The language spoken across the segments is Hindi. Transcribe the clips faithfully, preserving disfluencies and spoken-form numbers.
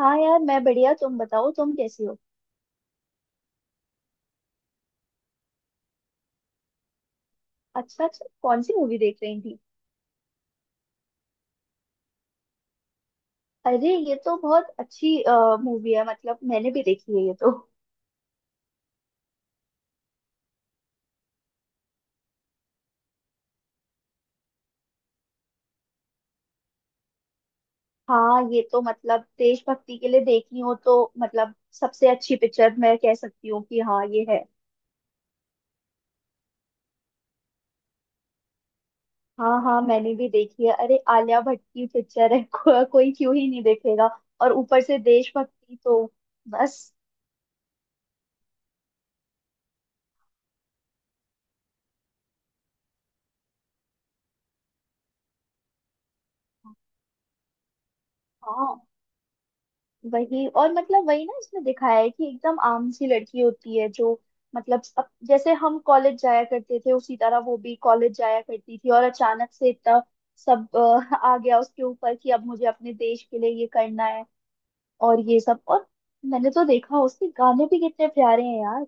हाँ यार, मैं बढ़िया। तुम बताओ, तुम कैसी हो? अच्छा अच्छा, कौन सी मूवी देख रही थी? अरे ये तो बहुत अच्छी मूवी है। मतलब मैंने भी देखी है ये तो। हाँ, ये तो मतलब देशभक्ति के लिए देखी हो तो मतलब सबसे अच्छी पिक्चर मैं कह सकती हूँ कि हाँ ये है। हाँ हाँ, मैंने भी देखी है। अरे आलिया भट्ट की पिक्चर है को, कोई क्यों ही नहीं देखेगा। और ऊपर से देशभक्ति तो बस। हाँ वही। और मतलब वही ना, इसमें दिखाया है कि एकदम आम सी लड़की होती है जो, मतलब अब जैसे हम कॉलेज जाया करते थे उसी तरह वो भी कॉलेज जाया करती थी, और अचानक से इतना सब अ, आ गया उसके ऊपर कि अब मुझे अपने देश के लिए ये करना है और ये सब। और मैंने तो देखा, उसके गाने भी कितने प्यारे हैं यार।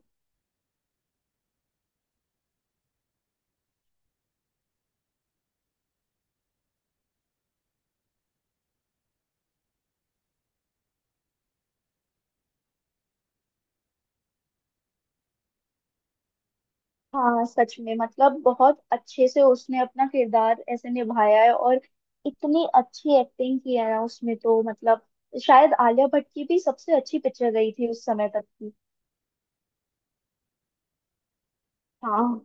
हाँ सच में, मतलब बहुत अच्छे से उसने अपना किरदार ऐसे निभाया है, और इतनी अच्छी एक्टिंग की है ना उसमें तो, मतलब शायद आलिया भट्ट की भी सबसे अच्छी पिक्चर गई थी उस समय तक की। हाँ।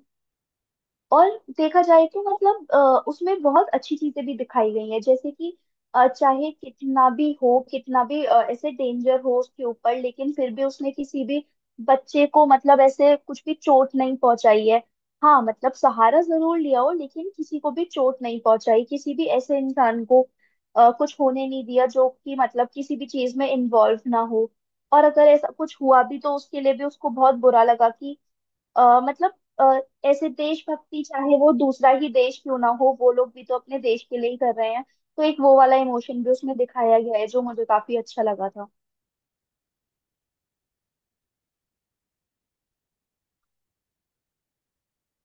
और देखा जाए तो मतलब अ, उसमें बहुत अच्छी चीजें भी दिखाई गई हैं। जैसे कि अ, चाहे कितना भी हो, कितना भी अ, ऐसे डेंजर हो उसके ऊपर, लेकिन फिर भी उसने किसी भी बच्चे को मतलब ऐसे कुछ भी चोट नहीं पहुंचाई है। हाँ मतलब सहारा जरूर लिया हो, लेकिन किसी को भी चोट नहीं पहुंचाई, किसी भी ऐसे इंसान को अ, कुछ होने नहीं दिया, जो कि मतलब किसी भी चीज में इन्वॉल्व ना हो। और अगर ऐसा कुछ हुआ भी तो उसके लिए भी उसको बहुत बुरा लगा कि अ, मतलब अ, ऐसे देशभक्ति, चाहे वो दूसरा ही देश क्यों ना हो, वो लोग भी तो अपने देश के लिए ही कर रहे हैं। तो एक वो वाला इमोशन भी उसमें दिखाया गया है, जो मुझे काफी अच्छा लगा था।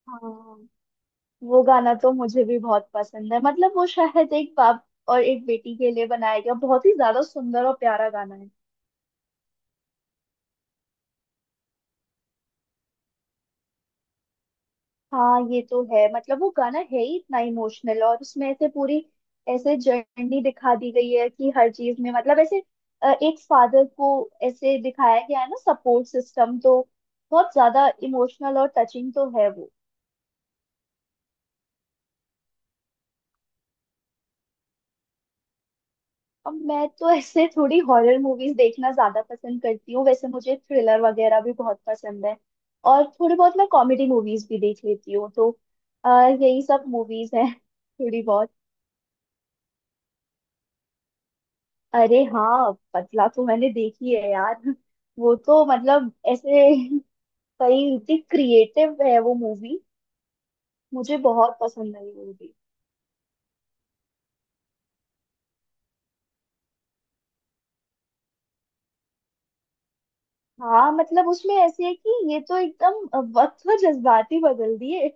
हाँ, वो गाना तो मुझे भी बहुत पसंद है। मतलब वो शायद एक बाप और एक बेटी के लिए बनाया गया बहुत ही ज्यादा सुंदर और प्यारा गाना है। हाँ ये तो है, मतलब वो गाना है ही इतना इमोशनल, और उसमें ऐसे पूरी ऐसे जर्नी दिखा दी गई है कि हर चीज में मतलब ऐसे अ, एक फादर को ऐसे दिखाया गया है ना, सपोर्ट सिस्टम तो बहुत ज्यादा इमोशनल और टचिंग तो है वो। अब मैं तो ऐसे थोड़ी हॉरर मूवीज देखना ज्यादा पसंद करती हूँ। वैसे मुझे थ्रिलर वगैरह भी बहुत पसंद है, और थोड़ी बहुत मैं कॉमेडी मूवीज भी देख लेती हूँ। तो अ, यही सब मूवीज हैं थोड़ी बहुत। अरे हाँ, पतला तो मैंने देखी है यार। वो तो मतलब ऐसे कई इतनी क्रिएटिव है वो मूवी। मुझे बहुत पसंद आई मूवी। हाँ मतलब उसमें ऐसे है कि ये तो एकदम वक्त व जज्बाती बदल दिए।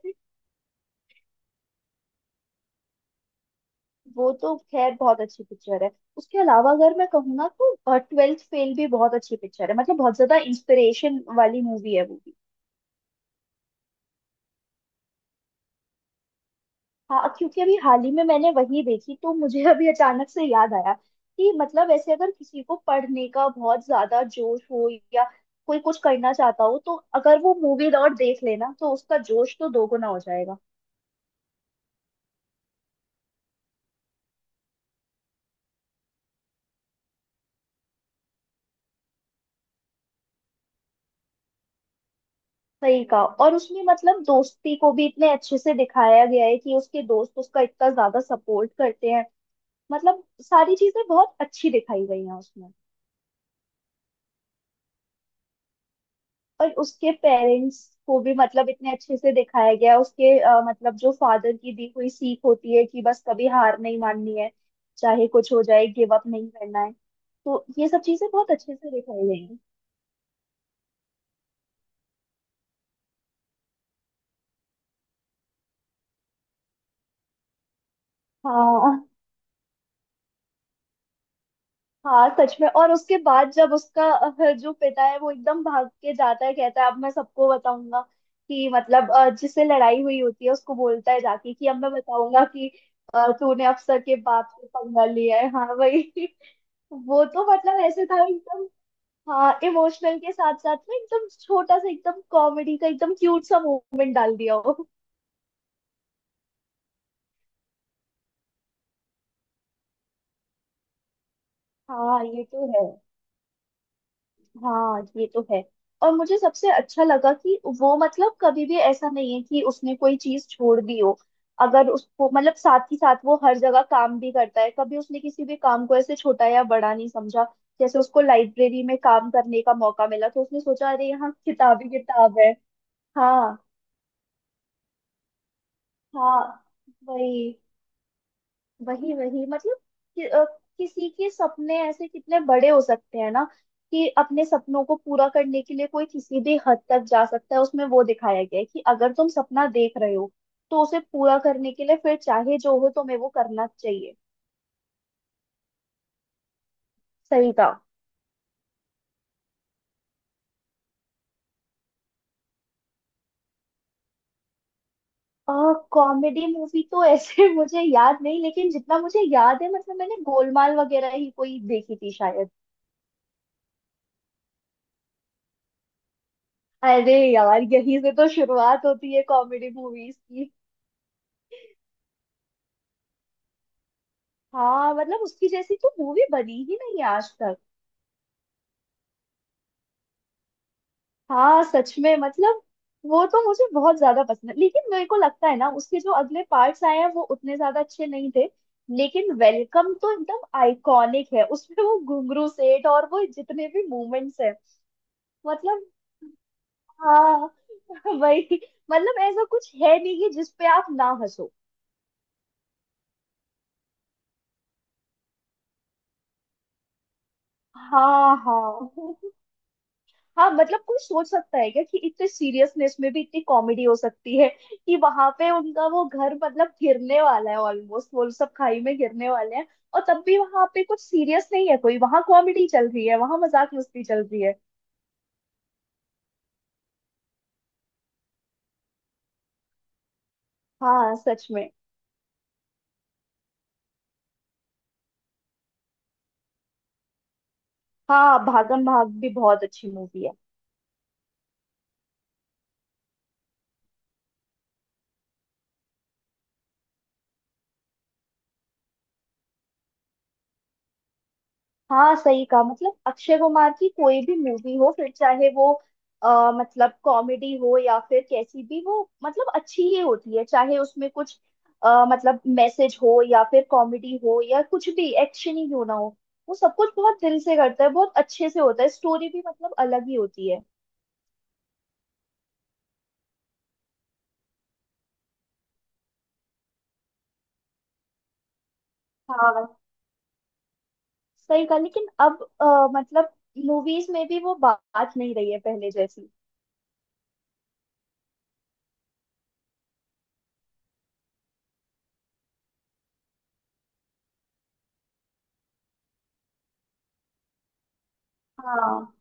वो तो खैर बहुत अच्छी पिक्चर है। उसके अलावा अगर मैं कहूँ ना तो ट्वेल्थ फेल भी बहुत अच्छी पिक्चर है। मतलब बहुत ज्यादा इंस्पिरेशन वाली मूवी है वो। हाँ, क्योंकि अभी हाल ही में मैंने वही देखी तो मुझे अभी अचानक से याद आया कि मतलब ऐसे अगर किसी को पढ़ने का बहुत ज्यादा जोश हो, या कोई कुछ करना चाहता हो, तो अगर वो मूवी लौट देख लेना तो उसका जोश तो दोगुना हो जाएगा। सही कहा। और उसमें मतलब दोस्ती को भी इतने अच्छे से दिखाया गया है कि उसके दोस्त उसका इतना ज्यादा सपोर्ट करते हैं। मतलब सारी चीजें बहुत अच्छी दिखाई गई हैं उसमें। और उसके पेरेंट्स को भी मतलब इतने अच्छे से दिखाया गया है। उसके अ, मतलब जो फादर की दी हुई सीख होती है कि बस कभी हार नहीं माननी है, चाहे कुछ हो जाए, गिव अप नहीं करना है। तो ये सब चीजें बहुत अच्छे से दिखाई गई हैं। हाँ। हाँ सच में। और उसके बाद जब उसका अ, जो पिता है वो एकदम भाग के जाता है, कहता है अब मैं सबको बताऊंगा कि मतलब अ, जिससे लड़ाई हुई होती है उसको बोलता है जाके कि अब मैं बताऊंगा कि अ, तूने अफसर के बाप से पंगा लिया है। हाँ वही। वो तो मतलब ऐसे था एकदम। हाँ, इमोशनल के साथ साथ में एकदम छोटा सा एकदम कॉमेडी का एकदम क्यूट सा मोमेंट डाल दिया हो। हाँ ये तो है। हाँ ये तो है। और मुझे सबसे अच्छा लगा कि वो मतलब कभी भी ऐसा नहीं है कि उसने कोई चीज छोड़ दी हो। अगर उसको मतलब साथ ही साथ वो हर जगह काम भी करता है, कभी उसने किसी भी काम को ऐसे छोटा या बड़ा नहीं समझा। जैसे उसको लाइब्रेरी में काम करने का मौका मिला तो उसने सोचा अरे यहाँ किताबी किताब है। हाँ। हाँ वही। वही वही, मतलब कि, अ, किसी के सपने ऐसे कितने बड़े हो सकते हैं ना, कि अपने सपनों को पूरा करने के लिए कोई किसी भी हद तक जा सकता है। उसमें वो दिखाया गया है कि अगर तुम सपना देख रहे हो तो उसे पूरा करने के लिए फिर चाहे जो हो, तुम्हें वो करना चाहिए। सही था। कॉमेडी मूवी तो ऐसे मुझे याद नहीं, लेकिन जितना मुझे याद है मतलब मैंने गोलमाल वगैरह ही कोई देखी थी शायद। अरे यार, यहीं से तो शुरुआत होती है कॉमेडी मूवीज की। हाँ मतलब उसकी जैसी तो मूवी बनी ही नहीं आज तक। हाँ सच में मतलब वो तो मुझे बहुत ज्यादा पसंद है, लेकिन मेरे को लगता है ना उसके जो अगले पार्ट्स आए हैं वो उतने ज्यादा अच्छे नहीं थे। लेकिन वेलकम तो एकदम आइकॉनिक है, उसमें वो घुंघरू सेठ और वो जितने भी मूवमेंट्स हैं मतलब। हाँ। वही। मतलब ऐसा कुछ है नहीं कि जिस पे आप ना हंसो। हाँ हाँ हाँ, मतलब कोई सोच सकता है क्या कि इतने सीरियसनेस में भी इतनी कॉमेडी हो सकती है, कि वहां पे उनका वो घर मतलब गिरने वाला है, ऑलमोस्ट वो सब खाई में गिरने वाले हैं, और तब भी वहां पे कुछ सीरियस नहीं है, कोई वहां कॉमेडी चल रही है, वहां मजाक मस्ती चल रही है। हाँ सच में। हाँ भागम भाग भी बहुत अच्छी मूवी है। हाँ सही कहा, मतलब अक्षय कुमार की कोई भी मूवी हो, फिर चाहे वो आ, मतलब कॉमेडी हो या फिर कैसी भी, वो मतलब अच्छी ही होती है। चाहे उसमें कुछ आ, मतलब मैसेज हो या फिर कॉमेडी हो या कुछ भी एक्शन ही क्यों ना हो, वो सब कुछ बहुत दिल से करता है, बहुत अच्छे से होता है, स्टोरी भी मतलब अलग ही होती है। हाँ सही कहा, लेकिन अब अ, मतलब मूवीज में भी वो बात नहीं रही है पहले जैसी। हाँ।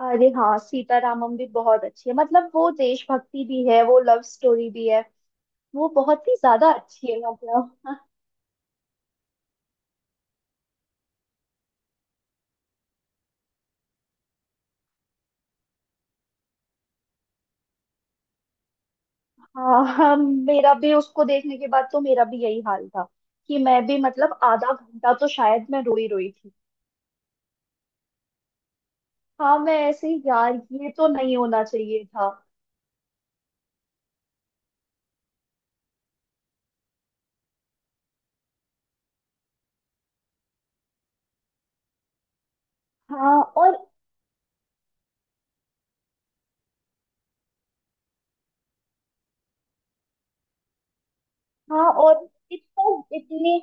अरे हाँ, सीतारामम भी बहुत अच्छी है, मतलब वो देशभक्ति भी है वो लव स्टोरी भी है। वो बहुत ही ज्यादा अच्छी है मतलब। हाँ हाँ, मेरा भी उसको देखने के बाद तो मेरा भी यही हाल था कि मैं भी मतलब आधा घंटा तो शायद मैं रोई रोई थी। हाँ, मैं ऐसे ही यार, ये तो नहीं होना चाहिए था। हाँ और हाँ और इतना इतने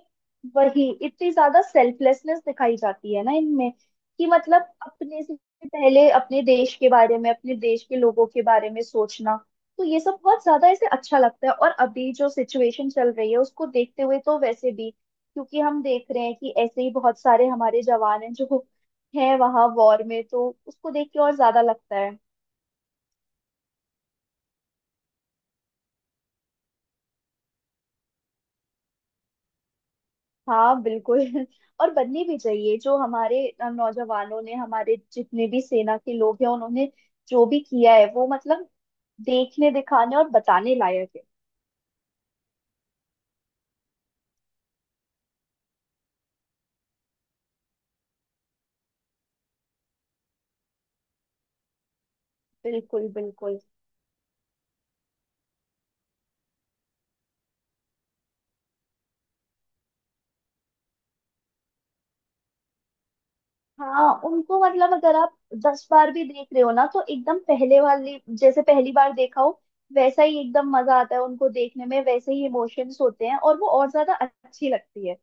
वही, इतनी ज्यादा सेल्फलेसनेस दिखाई जाती है ना इनमें, कि मतलब अपने से पहले अपने देश के बारे में, अपने देश के लोगों के बारे में सोचना। तो ये सब बहुत ज्यादा ऐसे अच्छा लगता है, और अभी जो सिचुएशन चल रही है उसको देखते हुए तो वैसे भी, क्योंकि हम देख रहे हैं कि ऐसे ही बहुत सारे हमारे जवान हैं जो हैं वहां वॉर में, तो उसको देख के और ज्यादा लगता है। हाँ बिल्कुल और बननी भी चाहिए, जो हमारे अ, नौजवानों ने, हमारे जितने भी सेना के लोग हैं उन्होंने जो भी किया है वो मतलब देखने दिखाने और बताने लायक है। बिल्कुल बिल्कुल। हाँ उनको मतलब अगर आप दस बार भी देख रहे हो ना, तो एकदम पहले वाली जैसे पहली बार देखा हो वैसा ही एकदम मजा आता है उनको देखने में, वैसे ही इमोशंस होते हैं और वो और ज्यादा अच्छी लगती है।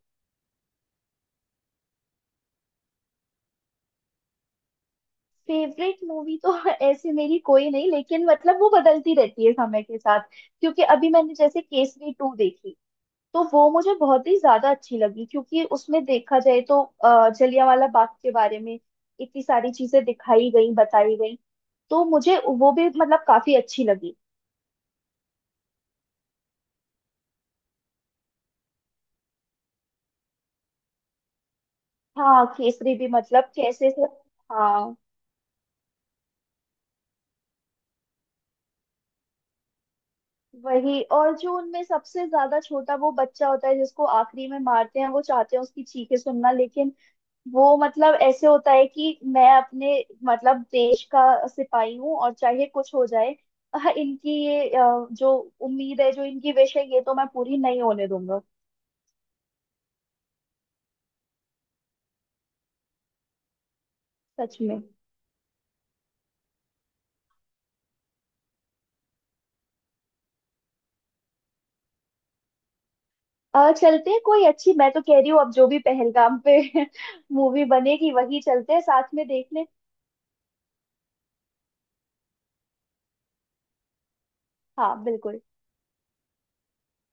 फेवरेट मूवी तो ऐसे मेरी कोई नहीं, लेकिन मतलब वो बदलती रहती है समय के साथ। क्योंकि अभी मैंने जैसे केसरी टू देखी, तो वो मुझे बहुत ही ज्यादा अच्छी लगी, क्योंकि उसमें देखा जाए तो अ, जलियांवाला बाग के बारे में इतनी सारी चीजें दिखाई गई बताई गई। तो मुझे वो भी मतलब काफी अच्छी लगी। हाँ केसरी भी मतलब कैसे से। हाँ वही, और जो उनमें सबसे ज्यादा छोटा वो बच्चा होता है जिसको आखिरी में मारते हैं, वो चाहते हैं उसकी चीखें सुनना, लेकिन वो मतलब ऐसे होता है कि मैं अपने मतलब देश का सिपाही हूँ और चाहे कुछ हो जाए इनकी ये अ, जो उम्मीद है, जो इनकी विश है, ये तो मैं पूरी नहीं होने दूंगा। सच में। अ, चलते हैं कोई अच्छी, मैं तो कह रही हूँ अब जो भी पहलगाम पे मूवी बनेगी वही चलते हैं साथ में देखने। हाँ बिल्कुल।